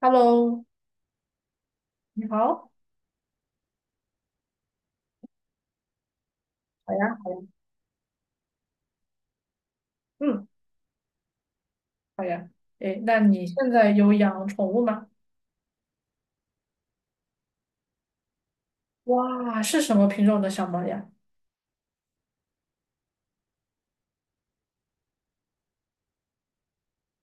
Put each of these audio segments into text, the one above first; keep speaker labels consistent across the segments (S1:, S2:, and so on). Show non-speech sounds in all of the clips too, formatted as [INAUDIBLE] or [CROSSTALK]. S1: Hello，你好。好呀。嗯，好呀。诶，那你现在有养宠物吗？哇，是什么品种的小猫呀？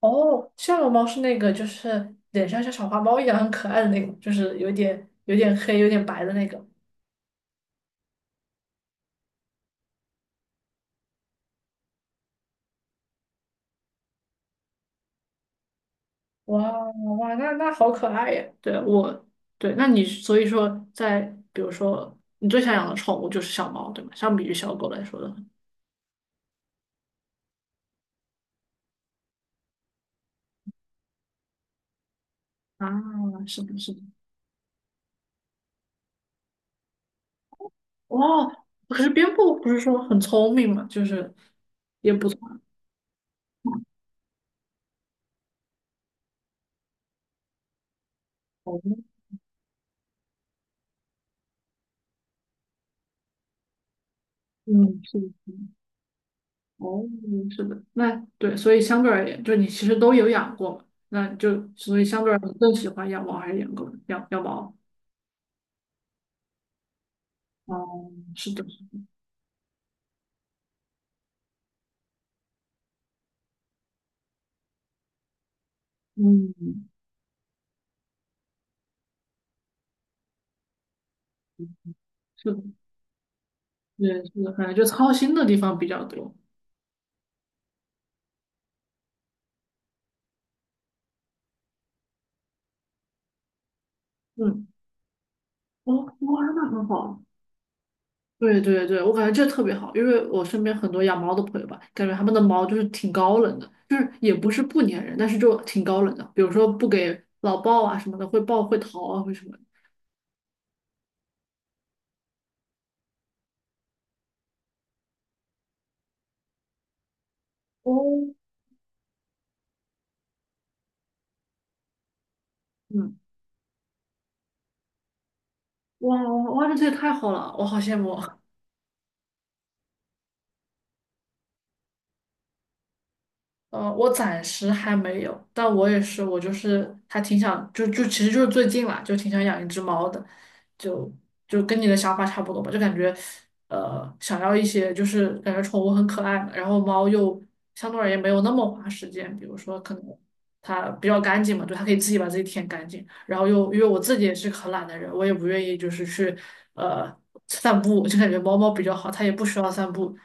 S1: 哦，夏洛猫是那个，就是脸上像小花猫一样很可爱的那个，就是有点黑、有点白的那个。哇哇，那好可爱呀！对我，对，那你所以说在，比如说你最想养的宠物就是小猫，对吗？相比于小狗来说的话，啊，是的，是的。哇，可是边牧不是说很聪明嘛，就是也不错。哦。嗯，是的。哦，是的，那对，所以相对而言，就你其实都有养过嘛，那就所以相对而言更喜欢养猫还是养狗？养养猫。哦，是的。嗯，是的，对，是的，反正就操心的地方比较多。嗯。哦，哇，那很好。对对对，我感觉这特别好，因为我身边很多养猫的朋友吧，感觉他们的猫就是挺高冷的，就是也不是不粘人，但是就挺高冷的，比如说不给老抱啊什么的，会抱会逃啊，会什么的。哦。嗯。哇哇哇，这也太好了，我好羡慕。我暂时还没有，但我也是，我就是还挺想，就其实就是最近啦，就挺想养一只猫的，就就跟你的想法差不多吧，就感觉想要一些就是感觉宠物很可爱嘛，然后猫又相对而言没有那么花时间，比如说可能它比较干净嘛，对，它可以自己把自己舔干净，然后又因为我自己也是个很懒的人，我也不愿意就是去呃散步，就感觉猫猫比较好，它也不需要散步，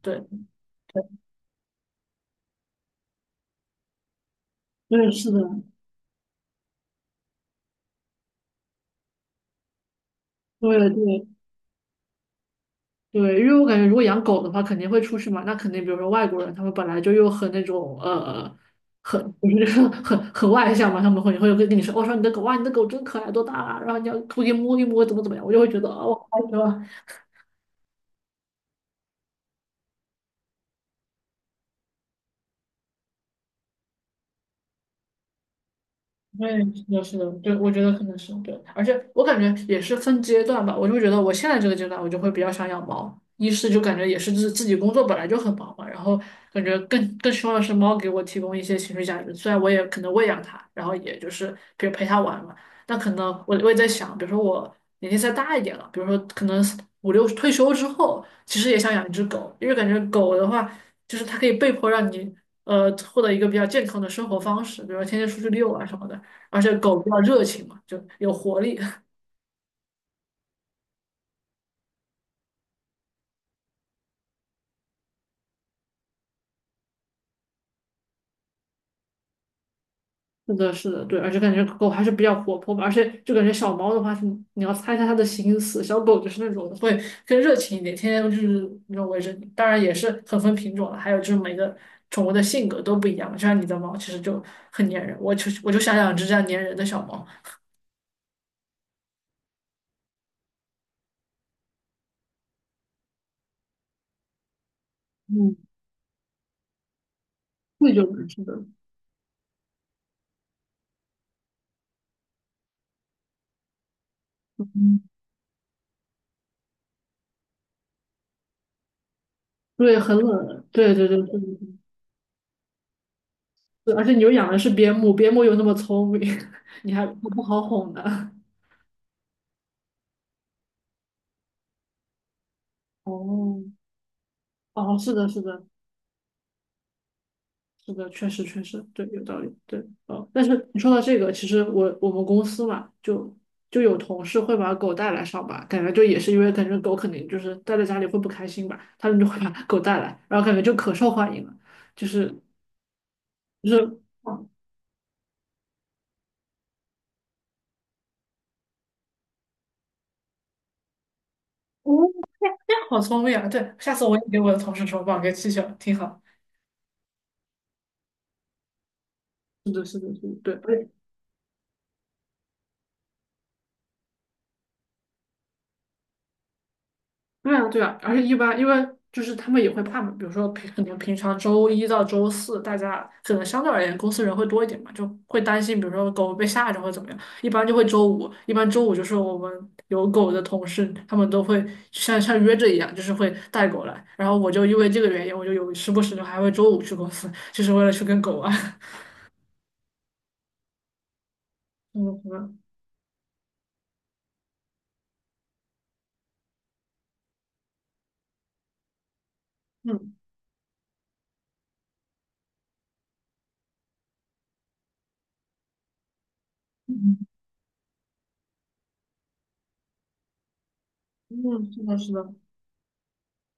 S1: 对。对，是的，对对，对，因为我感觉如果养狗的话，肯定会出去嘛。那肯定，比如说外国人，他们本来就又很那种很就是 [LAUGHS] 很外向嘛，他们会跟跟你说，我、说你的狗哇，你的狗真可爱，多大啊？然后你要出去摸一摸，怎么怎么样，我就会觉得啊，我好喜欢。对，是的，是的，对，我觉得可能是对，而且我感觉也是分阶段吧，我就会觉得我现在这个阶段，我就会比较想养猫，一是就感觉也是自己工作本来就很忙嘛，然后感觉更希望的是猫给我提供一些情绪价值，虽然我也可能喂养它，然后也就是比如陪它玩嘛，但可能我也在想，比如说我年纪再大一点了，比如说可能五六退休之后，其实也想养一只狗，因为感觉狗的话，就是它可以被迫让你。获得一个比较健康的生活方式，比如说天天出去遛啊什么的。而且狗比较热情嘛，就有活力。[LAUGHS] 是的，是的，对，而且感觉狗还是比较活泼吧，而且就感觉小猫的话是你要猜一下它的心思，小狗就是那种会更热情一点，天天就是那种围着你。当然也是很分品种了，还有就是每个宠物的性格都不一样嘛就像你的猫其实就很粘人，我就想养只这样粘人的小猫。嗯，贵就是，是的。嗯。对，很冷，对对对对对。对而且你又养的是边牧，边牧又那么聪明，[LAUGHS] 你还不好哄呢。[LAUGHS] 哦。哦，是的，是的，是的，确实，确实，对，有道理，对。哦，但是你说到这个，其实我们公司嘛，就有同事会把狗带来上班，感觉就也是因为感觉狗肯定就是待在家里会不开心吧，他们就会把狗带来，然后感觉就可受欢迎了，就是就是，哦，这样好聪明啊！对，下次我也给我的同事说，把我给气球，挺好。是的，是的，是的，对。对啊，对啊，而且一般因为就是他们也会怕嘛，比如说平可能平常周一到周四，大家可能相对而言公司人会多一点嘛，就会担心，比如说狗被吓着或者怎么样，一般就会周五，一般周五就是我们有狗的同事，他们都会像约着一样，就是会带狗来，然后我就因为这个原因，我就有时不时的还会周五去公司，就是为了去跟狗玩。[LAUGHS] 嗯可能嗯嗯，嗯，是的，是的。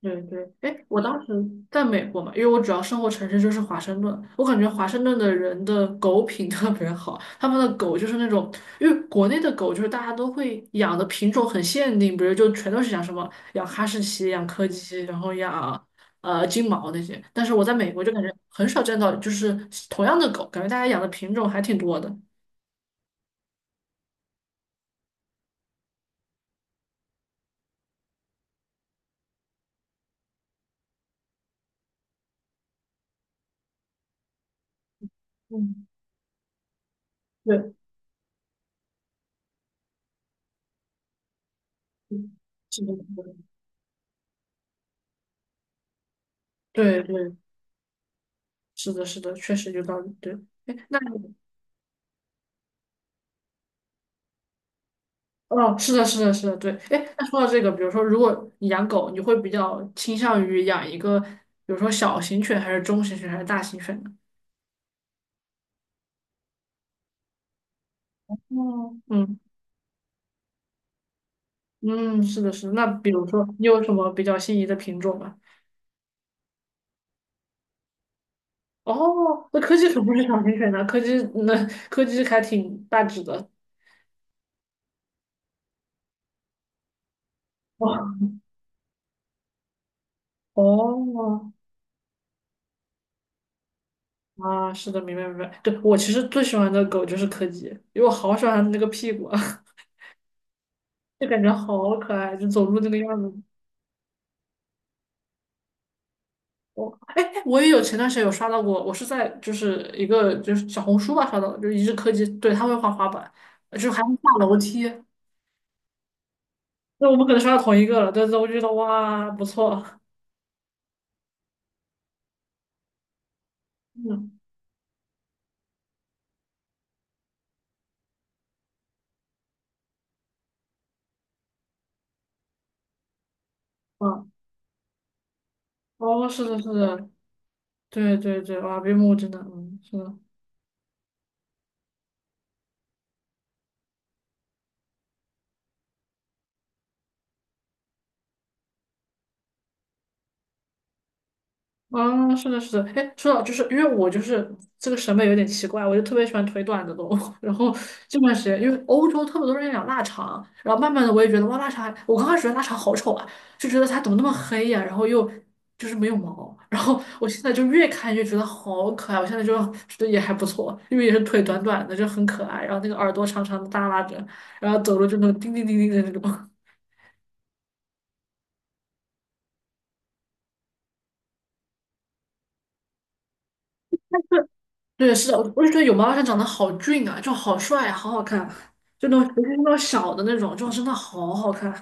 S1: 对对，哎，我当时在美国嘛，因为我主要生活城市就是华盛顿，我感觉华盛顿的人的狗品特别好，他们的狗就是那种，因为国内的狗就是大家都会养的品种很限定，比如就全都是养什么养哈士奇、养柯基，然后养金毛那些，但是我在美国就感觉很少见到就是同样的狗，感觉大家养的品种还挺多的。嗯，对。嗯是的，是的对对，是的，是的，确实有道理。对。哎，那。你？哦，是的，是的，是的，对。哎，那说到这个，比如说，如果你养狗，你会比较倾向于养一个，比如说小型犬，还是中型犬，还是大型犬呢？嗯。嗯嗯，是的，是的。那比如说，你有什么比较心仪的品种吗？哦，那柯基可不是小型犬呢，柯基那柯基还挺大只的。[LAUGHS] 哦哦。啊，是的，明白明白。对，我其实最喜欢的狗就是柯基，因为我好喜欢它的那个屁股啊，[LAUGHS] 就感觉好可爱，就走路那个样子。我哎，我也有前段时间有刷到过，我是在就是一个就是小红书吧刷到的，就是一日科技，对，他会滑滑板，就还会下楼梯。那我们可能刷到同一个了，但是我就觉得哇不错。嗯啊，哦是的是的，对对对，哇边牧真的嗯是的。啊，是的，是的，哎，说到就是因为我就是这个审美有点奇怪，我就特别喜欢腿短的动物。[LAUGHS] 然后这段时间，因为欧洲特别多人养腊肠，然后慢慢的我也觉得哇，腊肠还我刚开始觉得腊肠好丑啊，就觉得它怎么那么黑呀、然后又就是没有毛，[LAUGHS] 然后我现在就越看越觉得好可爱，我现在就觉得也还不错，因为也是腿短短的，就很可爱，然后那个耳朵长长的耷拉着，然后走路就那种叮叮叮叮的那种。对，是的，我就觉得有毛老师长得好俊啊，就好帅啊，好好看，就那种尤其是那种小的那种，就真的好好看，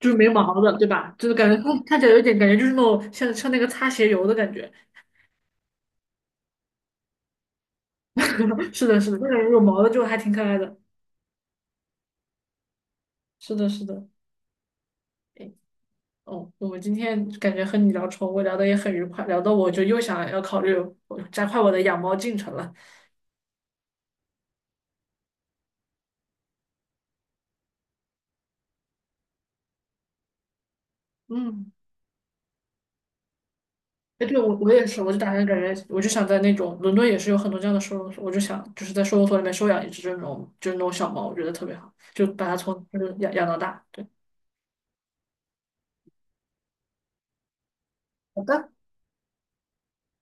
S1: 就是没毛的，对吧？就是感觉看看起来有一点感觉就是那种像那个擦鞋油的感觉。[LAUGHS] 是的，是的，那种有毛的就还挺可爱的。是的，是的。哎。哦，我们今天感觉和你聊宠物聊的也很愉快，聊得我就又想要考虑我加快我的养猫进程了。嗯。哎，对，我我也是，我就打算感觉，我就想在那种伦敦也是有很多这样的收容所，我就想就是在收容所里面收养一只这种就是那种小猫，我觉得特别好，就把它从就是养养到大。对。好的。